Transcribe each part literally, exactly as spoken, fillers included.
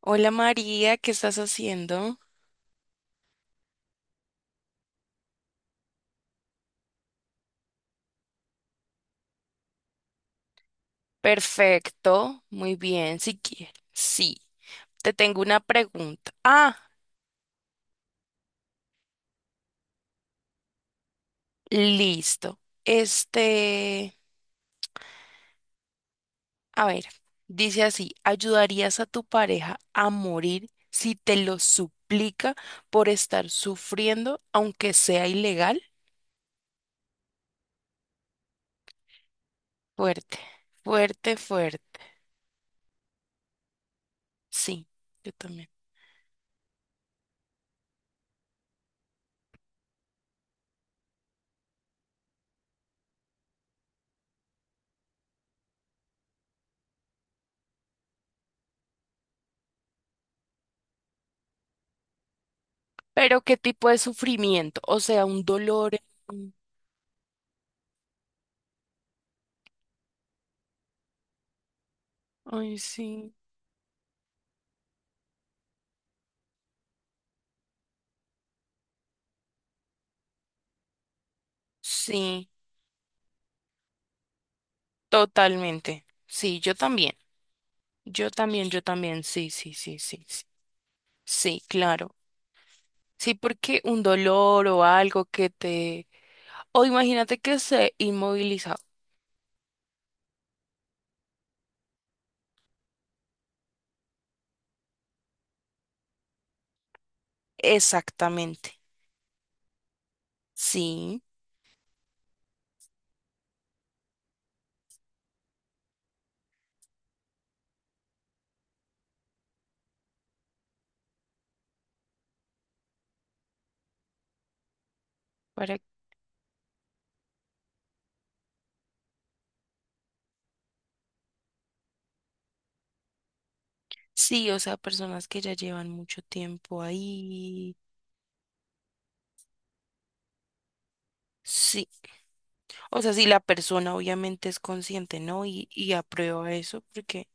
Hola María, ¿qué estás haciendo? Perfecto, muy bien, si quieres. Sí, te tengo una pregunta. Ah, listo. Este, a ver, dice así, ¿ayudarías a tu pareja a morir si te lo suplica por estar sufriendo, aunque sea ilegal? Fuerte, fuerte, fuerte. Sí, yo también. Pero ¿qué tipo de sufrimiento? O sea, un dolor. un- Ay, sí. Sí. Totalmente. Sí, yo también. Yo también, yo también. Sí, sí, sí, sí, sí. Sí, claro. Sí, porque un dolor o algo que te... O imagínate que se inmovilizado. Exactamente. Sí. Para... Sí, o sea, personas que ya llevan mucho tiempo ahí. Sí. O sea, si la persona obviamente es consciente, ¿no? Y, y aprueba eso, porque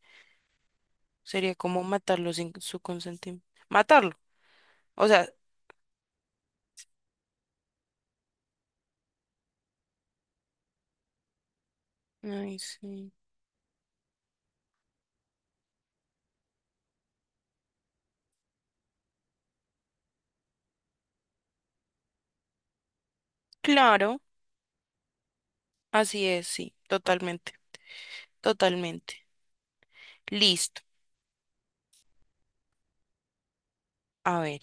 sería como matarlo sin su consentimiento. Matarlo. O sea, ay, sí. Claro. Así es, sí, totalmente, totalmente. Listo. A ver,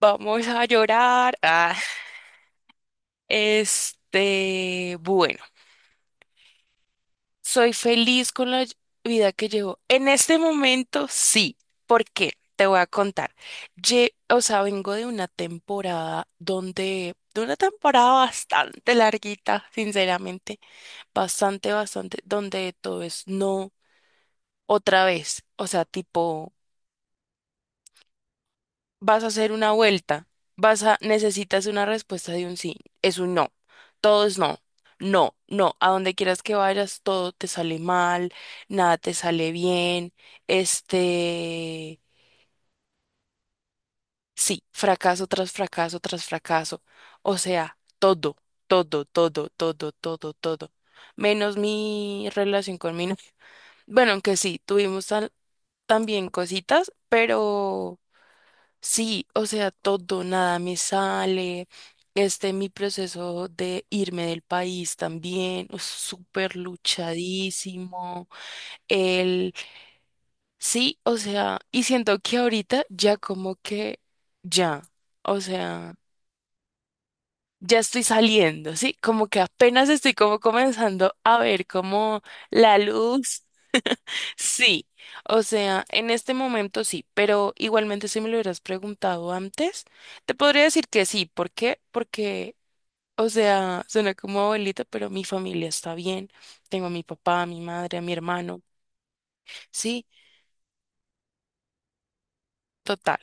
vamos a llorar. Ah, este, bueno, soy feliz con la vida que llevo. En este momento, sí. ¿Por qué? Te voy a contar. Lle- o sea, vengo de una temporada donde, de una temporada bastante larguita, sinceramente, bastante, bastante, donde todo es no otra vez. O sea, tipo... vas a hacer una vuelta, vas a, necesitas una respuesta de un sí, es un no, todo es no, no, no, a donde quieras que vayas, todo te sale mal, nada te sale bien, este, sí, fracaso tras fracaso tras fracaso, o sea, todo, todo, todo, todo, todo, todo, menos mi relación con mi novio. Bueno, aunque sí, tuvimos tal- también cositas, pero... Sí, o sea, todo, nada me sale. Este, mi proceso de irme del país también, es súper luchadísimo. El, sí, o sea, y siento que ahorita ya como que, ya, o sea, ya estoy saliendo, ¿sí? Como que apenas estoy como comenzando a ver como la luz. Sí, o sea, en este momento sí, pero igualmente si me lo hubieras preguntado antes, te podría decir que sí. ¿Por qué? Porque, o sea, suena como abuelita, pero mi familia está bien. Tengo a mi papá, a mi madre, a mi hermano. Sí, total,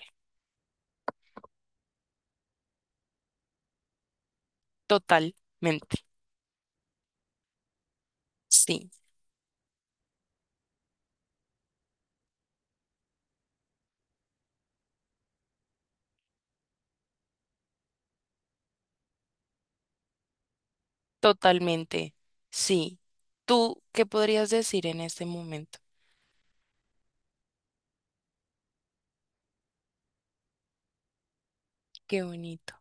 totalmente. Sí, totalmente. Sí. ¿Tú qué podrías decir en este momento? Qué bonito.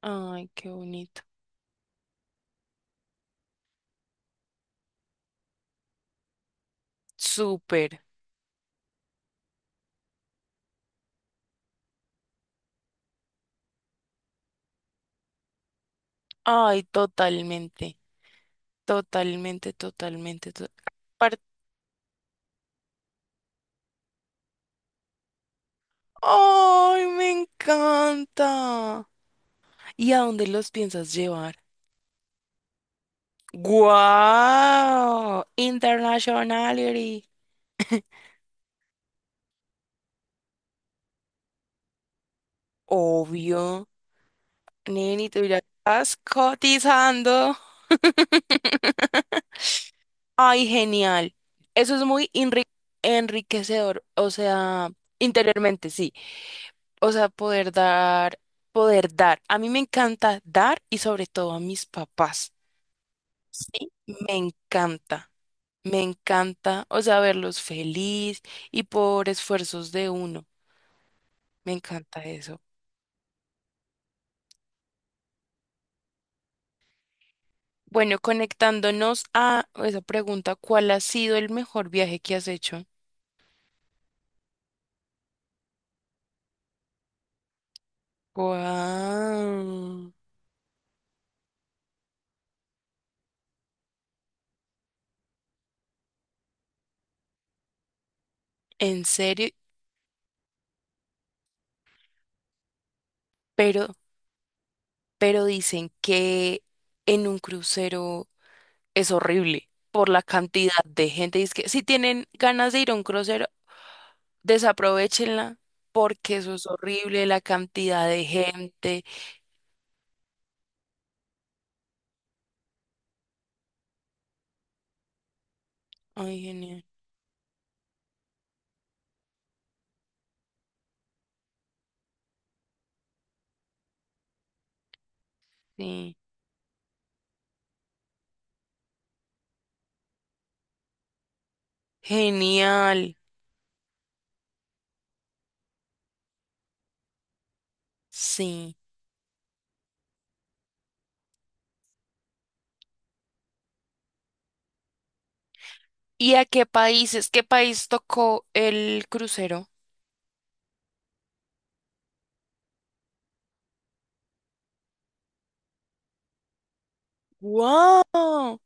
Ay, qué bonito. Súper. Ay, totalmente. Totalmente, totalmente. to- Apar- ¡Ay, me encanta! ¿Y a dónde los piensas llevar? ¡Guau! Internationality. Obvio. Neni, tú ya estás cotizando. ¡Ay, genial! Eso es muy enri- enriquecedor. O sea, interiormente, sí. O sea, poder dar, poder dar. A mí me encanta dar y sobre todo a mis papás. Sí, me encanta. Me encanta, o sea, verlos feliz y por esfuerzos de uno. Me encanta eso. Bueno, conectándonos a esa pregunta, ¿cuál ha sido el mejor viaje que has hecho? Wow. ¿En serio? Pero, pero dicen que en un crucero es horrible por la cantidad de gente. Es que si tienen ganas de ir a un crucero, desaprovechenla porque eso es horrible, la cantidad de gente. Ay, genial. Sí. Genial, sí. ¿Y a qué países? ¿Qué país tocó el crucero? ¡Wow!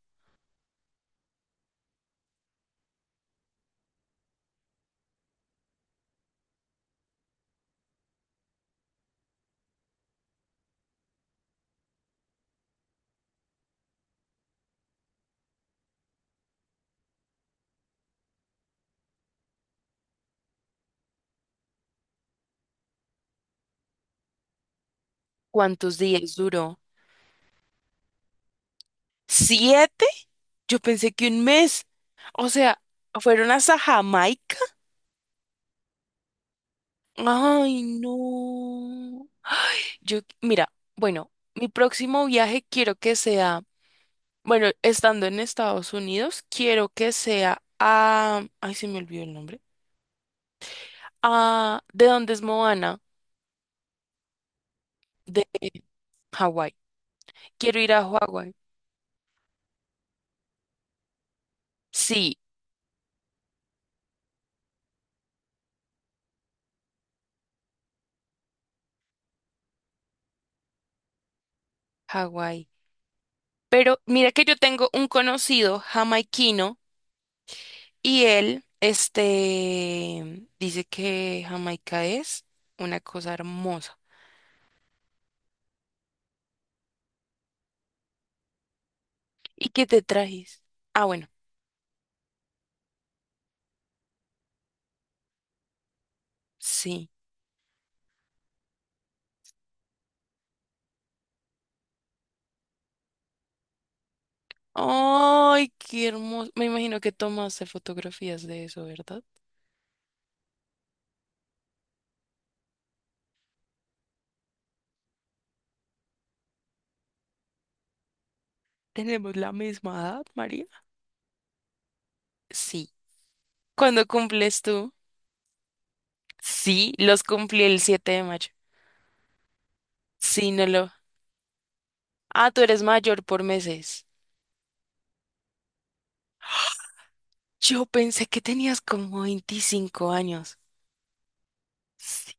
¿Cuántos días duró? ¿Siete? Yo pensé que un mes. O sea, ¿fueron hasta Jamaica? Ay, no. Yo, mira, bueno, mi próximo viaje quiero que sea, bueno, estando en Estados Unidos, quiero que sea a, ay, se me olvidó el nombre, a, ¿de dónde es Moana? De Hawái. Quiero ir a Hawái. Sí, Hawái. Pero mira que yo tengo un conocido jamaiquino y él, este, dice que Jamaica es una cosa hermosa. ¿Y qué te trajiste? Ah, bueno, sí. Ay, qué hermoso. Me imagino que tomaste fotografías de eso, ¿verdad? ¿Tenemos la misma edad, María? Sí. ¿Cuándo cumples tú? Sí, los cumplí el siete de mayo. Sí, no lo. Ah, tú eres mayor por meses. Yo pensé que tenías como veinticinco años. Sí.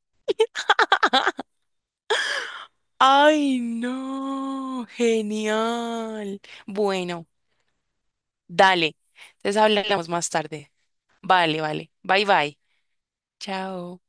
Ay, no, genial. Bueno, dale. Entonces hablamos más tarde. Vale, vale. Bye, bye. Chao.